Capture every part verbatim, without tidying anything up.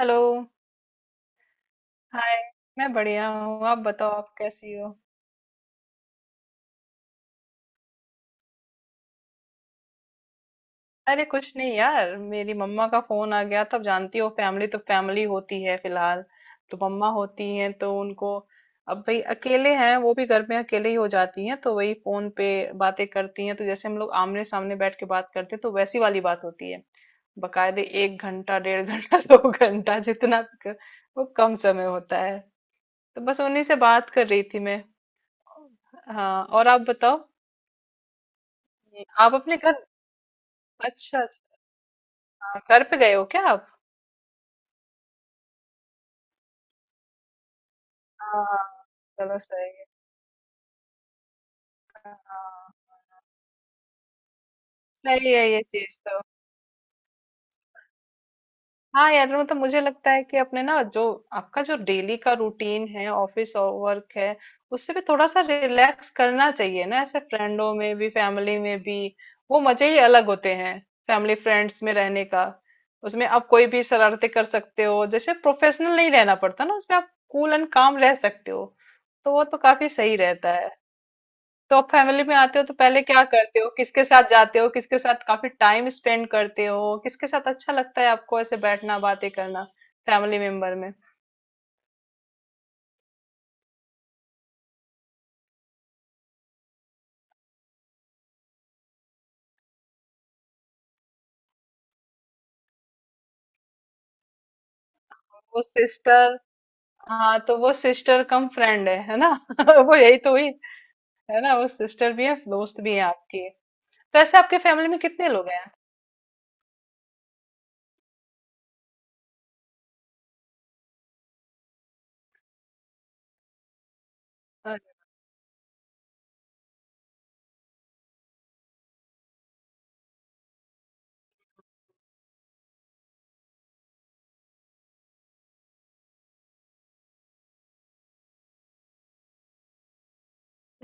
Hello. Hi. मैं बढ़िया हूँ, आप बताओ, आप कैसी हो? अरे कुछ नहीं यार, मेरी मम्मा का फोन आ गया, तब जानती हो, फैमिली तो फैमिली होती है। फिलहाल तो मम्मा होती हैं तो उनको, अब भाई अकेले हैं, वो भी घर में अकेले ही हो जाती हैं, तो वही फोन पे बातें करती हैं। तो जैसे हम लोग आमने सामने बैठ के बात करते हैं, तो वैसी वाली बात होती है। बकायदे एक घंटा, डेढ़ घंटा, दो घंटा, जितना क- वो कम समय होता है। तो बस उन्हीं से बात कर रही थी मैं। हाँ, और आप बताओ? ये आप अपने घर। अच्छा अच्छा। हाँ, घर पे गए हो क्या आप? हाँ। चलो सही है। हाँ। सही है ये चीज तो। हाँ यार, मतलब मुझे लगता है कि अपने ना जो आपका जो डेली का रूटीन है, ऑफिस और वर्क है, उससे भी थोड़ा सा रिलैक्स करना चाहिए ना, ऐसे फ्रेंडों में भी, फैमिली में भी। वो मजे ही अलग होते हैं, फैमिली फ्रेंड्स में रहने का। उसमें आप कोई भी शरारते कर सकते हो, जैसे प्रोफेशनल नहीं रहना पड़ता ना उसमें, आप कूल एंड काम रह सकते हो। तो वो तो काफी सही रहता है। तो आप फैमिली में आते हो तो पहले क्या करते हो, किसके साथ जाते हो, किसके साथ काफी टाइम स्पेंड करते हो, किसके साथ अच्छा लगता है आपको ऐसे बैठना, बातें करना, फैमिली मेंबर में? वो सिस्टर। हाँ, तो वो सिस्टर कम फ्रेंड है है ना? वो यही तो हुई, है ना, वो सिस्टर भी है, दोस्त भी है आपकी। तो ऐसे आपके फैमिली में कितने लोग हैं?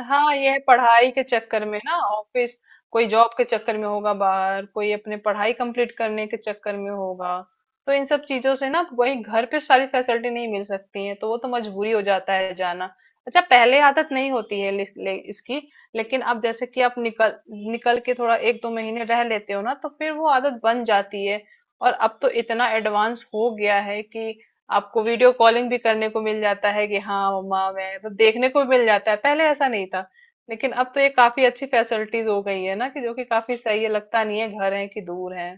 हाँ, ये है पढ़ाई के चक्कर में ना, ऑफिस, कोई जॉब के चक्कर में होगा बाहर, कोई अपने पढ़ाई कंप्लीट करने के चक्कर में होगा। तो इन सब चीजों से ना, वही घर पे सारी फैसिलिटी नहीं मिल सकती है, तो वो तो मजबूरी हो जाता है जाना। अच्छा, पहले आदत नहीं होती है ले, ले, इसकी, लेकिन अब जैसे कि आप निकल निकल के थोड़ा एक दो महीने रह लेते हो ना, तो फिर वो आदत बन जाती है। और अब तो इतना एडवांस हो गया है कि आपको वीडियो कॉलिंग भी करने को मिल जाता है कि हाँ मम्मा मैं, तो देखने को मिल जाता है, पहले ऐसा नहीं था। लेकिन अब तो ये काफी अच्छी फैसिलिटीज हो गई है ना, कि जो कि काफी सही है, लगता नहीं है घर है कि दूर है।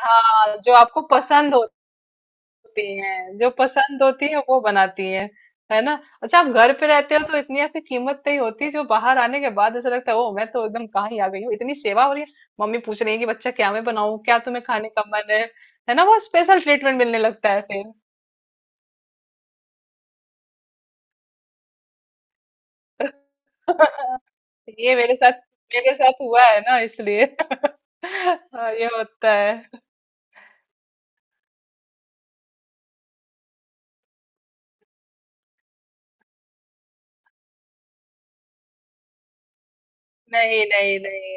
हाँ जो आपको पसंद होती है, जो पसंद होती है वो बनाती है है ना? अच्छा, आप घर पे रहते हो तो इतनी आपकी कीमत नहीं होती, जो बाहर आने के बाद ऐसा लगता है, ओ, मैं तो एकदम कहाँ ही आ गई हूँ, इतनी सेवा हो रही है, मम्मी पूछ रही है कि बच्चा, क्या मैं बनाऊं, क्या तुम्हें खाने का मन है है ना? वो स्पेशल ट्रीटमेंट मिलने लगता है फिर। ये मेरे साथ मेरे साथ हुआ है ना, इसलिए हाँ, ये होता है। नहीं नहीं नहीं।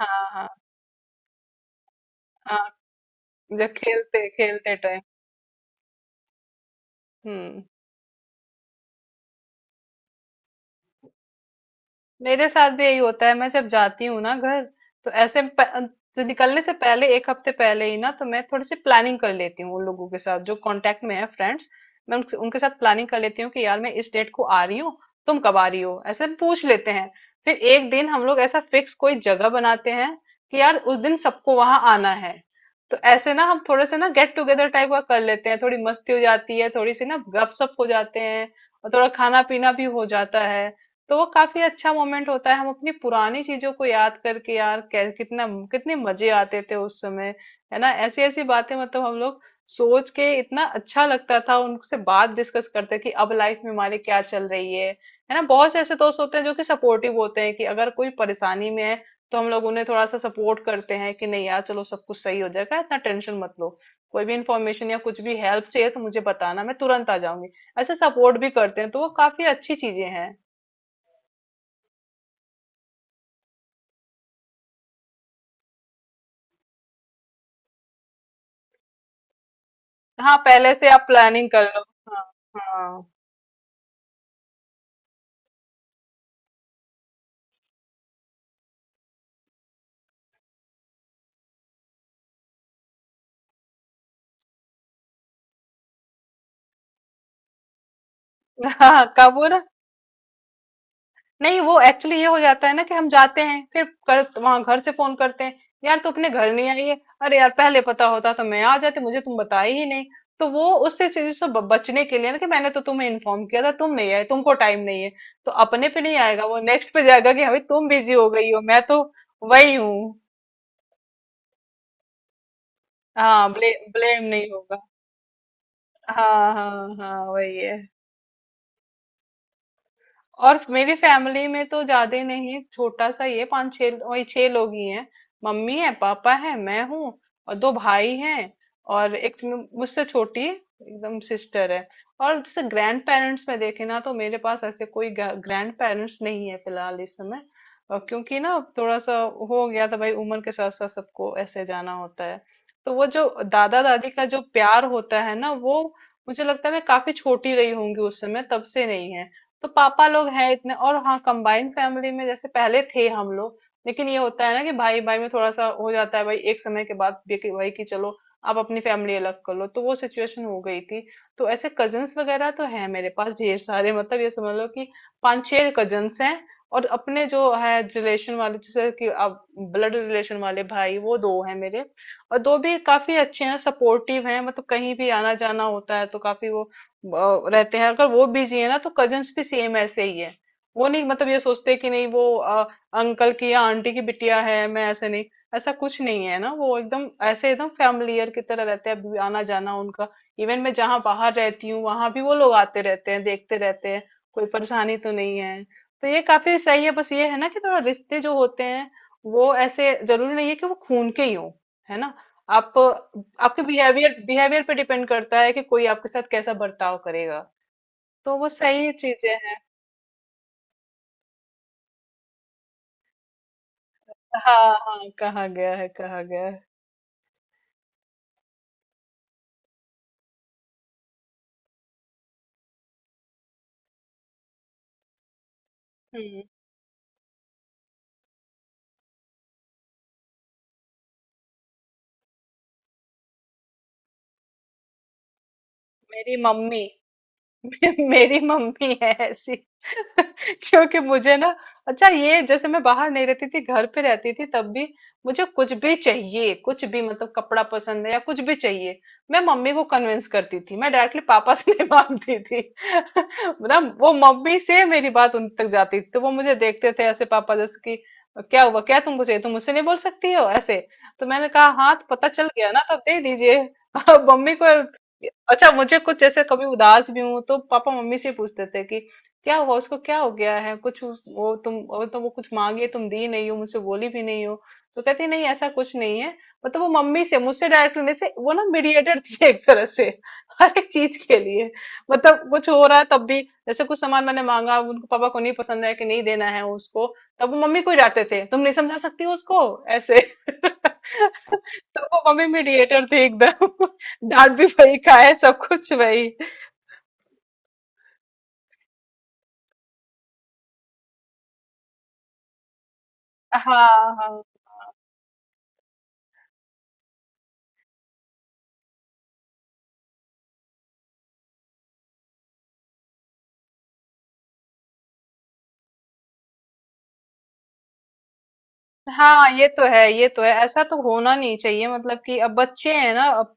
हाँ हाँ हाँ। जब खेलते खेलते टाइम। हम्म। मेरे साथ भी यही होता है, मैं जब जाती हूँ ना घर, तो ऐसे प- जो निकलने से पहले, एक हफ्ते पहले ही ना तो मैं थोड़ी सी प्लानिंग कर लेती हूँ उन लोगों के साथ जो कांटेक्ट में है फ्रेंड्स। मैं उनके, उनके साथ प्लानिंग कर लेती हूँ कि यार, मैं इस डेट को आ रही हूँ, तुम कब आ रही हो, ऐसे पूछ लेते हैं। फिर एक दिन हम लोग ऐसा फिक्स कोई जगह बनाते हैं कि यार उस दिन सबको वहां आना है। तो ऐसे ना हम थोड़े से ना गेट टुगेदर टाइप का कर लेते हैं, थोड़ी मस्ती हो जाती है, थोड़ी सी ना गपशप हो जाते हैं, और थोड़ा खाना पीना भी हो जाता है। तो वो काफी अच्छा मोमेंट होता है, हम अपनी पुरानी चीजों को याद करके, यार कै- कितना, कितने मजे आते थे उस समय। है ना, ऐसी ऐसी बातें, मतलब हम लोग सोच के इतना अच्छा लगता था, उनसे बात डिस्कस करते कि अब लाइफ में हमारी क्या चल रही है। है ना, बहुत से ऐसे दोस्त होते हैं जो कि सपोर्टिव होते हैं, कि अगर कोई परेशानी में है तो हम लोग उन्हें थोड़ा सा सपोर्ट करते हैं कि नहीं यार, चलो सब कुछ सही हो जाएगा, इतना टेंशन मत लो, कोई भी इंफॉर्मेशन या कुछ भी हेल्प चाहिए तो मुझे बताना, मैं तुरंत आ जाऊंगी। ऐसे सपोर्ट भी करते हैं, तो वो काफी अच्छी चीजें हैं। हाँ, पहले से आप प्लानिंग कर लो। हाँ। हाँ हाँ, कब वो ना, नहीं वो एक्चुअली ये हो जाता है ना कि हम जाते हैं, फिर कर वहां घर से फोन करते हैं, यार तू अपने घर नहीं आई है? अरे यार, पहले पता होता तो मैं आ जाती, मुझे तुम बताए ही नहीं। तो वो उससे चीज से ब- बचने के लिए ना, कि मैंने तो तुम्हें इन्फॉर्म किया था, तुम नहीं आए, तुमको टाइम नहीं है, तो अपने पे नहीं आएगा, वो नेक्स्ट पे जाएगा कि अभी तुम बिजी हो गई हो, मैं तो वही हूँ। हाँ, ब्ले, ब्लेम नहीं होगा। हाँ हाँ हाँ, वही है। और मेरी फैमिली में तो ज्यादा नहीं, छोटा सा ये, पांच छह, वही छह लोग ही हैं। मम्मी है, पापा है, मैं हूँ, और दो भाई हैं, और एक मु- मुझसे छोटी एकदम सिस्टर है। और जैसे ग्रैंड पेरेंट्स में देखे ना, तो मेरे पास ऐसे कोई ग्रैंड पेरेंट्स नहीं है फिलहाल इस समय। और क्योंकि ना अब थोड़ा सा हो गया था भाई, उम्र के साथ साथ सबको ऐसे जाना होता है। तो वो जो दादा दादी का जो प्यार होता है ना, वो मुझे लगता है मैं काफी छोटी रही होंगी उस समय, तब से नहीं है। तो पापा लोग हैं इतने, और हाँ कंबाइन फैमिली में जैसे पहले थे हम लोग। लेकिन ये होता है ना कि भाई भाई में थोड़ा सा हो जाता है भाई, एक समय के बाद भी कि भाई कि चलो आप अपनी फैमिली अलग कर लो, तो वो सिचुएशन हो गई थी। तो ऐसे कजन्स वगैरह तो हैं मेरे पास ढेर सारे, मतलब ये समझ लो कि पांच छह कजन्स हैं। और अपने जो है रिलेशन वाले, जैसे कि आप ब्लड रिलेशन वाले भाई, वो दो हैं मेरे, और दो भी काफी अच्छे हैं, सपोर्टिव हैं, मतलब कहीं भी आना जाना होता है तो काफी वो अ, रहते हैं। अगर वो बिजी है ना, तो कजन्स भी सेम ऐसे ही है। वो नहीं मतलब ये सोचते कि नहीं वो अंकल की या आंटी की बिटिया है, मैं ऐसे नहीं, ऐसा कुछ नहीं है ना, वो एकदम ऐसे एकदम फैमिलियर की तरह रहते हैं, अभी आना जाना उनका। इवन मैं जहाँ बाहर रहती हूँ वहां भी वो लोग आते रहते हैं, देखते रहते हैं कोई परेशानी तो नहीं है। तो ये काफी सही है, बस ये है ना कि थोड़ा रिश्ते जो होते हैं, वो ऐसे जरूरी नहीं है कि वो खून के ही हो, है ना? आप आपके बिहेवियर बिहेवियर पे डिपेंड करता है कि कोई आपके साथ कैसा बर्ताव करेगा। तो वो सही चीजें हैं। हाँ हाँ, कहा गया है, कहा गया है। हम्म। मेरी मम्मी। मेरी मम्मी है ऐसी। क्योंकि मुझे ना, अच्छा ये, जैसे मैं बाहर नहीं रहती थी, घर पे रहती थी तब भी, मुझे कुछ भी चाहिए, कुछ भी मतलब कपड़ा पसंद है या कुछ भी चाहिए, मैं मम्मी को कन्विंस करती थी, मैं डायरेक्टली पापा से नहीं मांगती थी। मतलब वो मम्मी से मेरी बात उन तक जाती थी, तो वो मुझे देखते थे ऐसे पापा, जैसे कि क्या हुआ, क्या तुमको चाहिए, तुम मुझसे नहीं बोल सकती हो ऐसे? तो मैंने कहा हाँ, तो पता चल गया ना, तब दे दीजिए। अब मम्मी को। अच्छा मुझे कुछ, जैसे कभी उदास भी हूं, तो पापा मम्मी से पूछते थे कि क्या हुआ उसको, क्या हो गया है कुछ उस- वो, तुम वो तो, वो कुछ मांगे तुम दी नहीं हो, मुझसे बोली भी नहीं हो। तो कहती नहीं, ऐसा कुछ नहीं है। मतलब वो मम्मी से, मुझसे डायरेक्ट नहीं थे, वो ना मीडिएटर थी एक तरह से। हर एक चीज के लिए, मतलब कुछ हो रहा है तब भी, जैसे कुछ सामान मैंने मांगा, उनको पापा को नहीं पसंद है कि नहीं देना है उसको, तब वो मम्मी को ही डांटते थे, तुम नहीं समझा सकती उसको, ऐसे। तो वो मम्मी मीडिएटर थी एकदम, डांट भी वही खाए, सब कुछ वही। हाँ हाँ हाँ, ये तो है, ये तो है, ऐसा तो होना नहीं चाहिए, मतलब कि अब बच्चे हैं ना अब।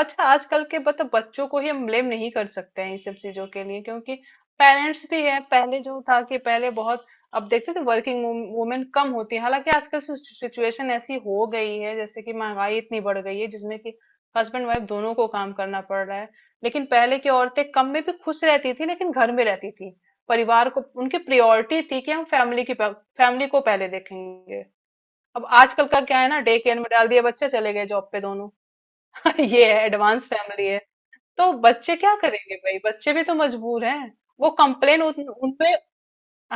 अच्छा, आजकल के मतलब बच्चों को ही हम ब्लेम नहीं कर सकते हैं इन सब चीजों के लिए, क्योंकि पेरेंट्स भी है। पहले जो था कि पहले बहुत, अब देखते थे वर्किंग वुमेन कम होती है, हालांकि आजकल सिचुएशन ऐसी हो गई है, जैसे कि महंगाई इतनी बढ़ गई है जिसमें कि हस्बैंड वाइफ दोनों को काम करना पड़ रहा है। लेकिन पहले की औरतें कम में भी खुश रहती थी, लेकिन घर में रहती थी, परिवार को उनकी प्रायोरिटी थी कि हम फैमिली की, फैमिली को पहले देखेंगे। अब आजकल का क्या है ना, डे केयर में डाल दिया, बच्चे चले गए जॉब पे, दोनों। ये है, एडवांस फैमिली है। तो बच्चे क्या करेंगे भाई, बच्चे भी तो मजबूर हैं, वो कंप्लेन उन, उनपे,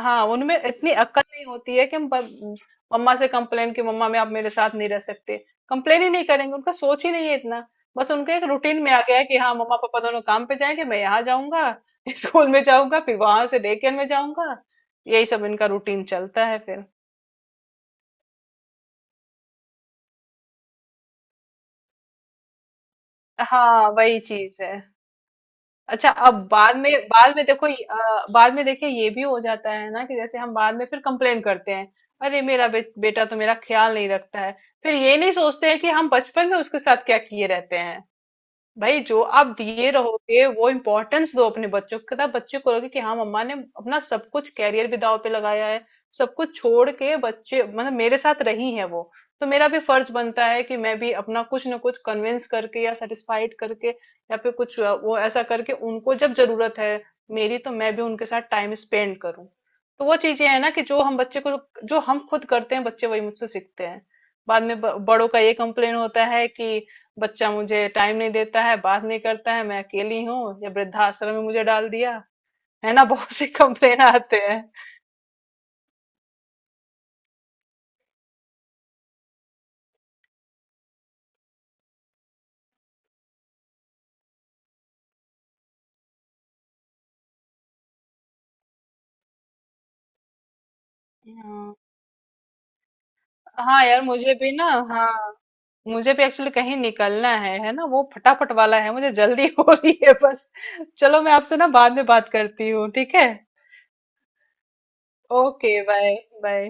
हाँ उनमें इतनी अक्ल नहीं होती है कि हम ब- मम्मा से कंप्लेन कि मम्मा मैं, आप मेरे साथ नहीं रह सकते, कंप्लेन ही नहीं करेंगे, उनका सोच ही नहीं है इतना, बस उनके एक रूटीन में आ गया है कि हाँ मम्मा पापा दोनों काम पे जाएंगे, मैं यहाँ जाऊंगा, स्कूल में जाऊंगा, फिर वहां से डे केयर में जाऊंगा, यही सब इनका रूटीन चलता है फिर। हाँ वही चीज है। अच्छा, अब बाद में बाद में देखो, ये- अ, बाद में देखिए, ये भी हो जाता है ना कि जैसे हम बाद में फिर कंप्लेन करते हैं, अरे मेरा बे, बेटा तो मेरा ख्याल नहीं रखता है। फिर ये नहीं सोचते हैं कि हम बचपन में उसके साथ क्या किए रहते हैं। भाई, जो आप दिए रहोगे, वो इम्पोर्टेंस दो अपने बच्चों को, तब बच्चे को लगे कि हाँ मम्मा ने अपना सब कुछ, कैरियर भी दांव पे लगाया है, सब कुछ छोड़ के बच्चे मतलब मेरे साथ रही हैं वो। तो मेरा भी फर्ज बनता है कि मैं भी अपना कुछ ना कुछ कन्विंस करके, या सेटिस्फाइड करके, या फिर कुछ अ, वो ऐसा करके उनको, जब जरूरत है मेरी, तो मैं भी उनके साथ टाइम स्पेंड करूं। तो वो चीजें है ना कि जो हम बच्चे को, जो हम खुद करते हैं बच्चे वही मुझसे सीखते हैं। बाद में ब- बड़ों का ये कंप्लेन होता है कि बच्चा मुझे टाइम नहीं देता है, बात नहीं करता है, मैं अकेली हूँ, या वृद्धाश्रम में मुझे डाल दिया, है ना? बहुत सी कंप्लेन आते हैं। हाँ हाँ यार, मुझे भी ना, हाँ मुझे भी एक्चुअली कहीं निकलना है है ना वो फटाफट वाला है, मुझे जल्दी हो रही है बस। चलो, मैं आपसे ना बाद में बात करती हूँ, ठीक है? Okay bye. बाय।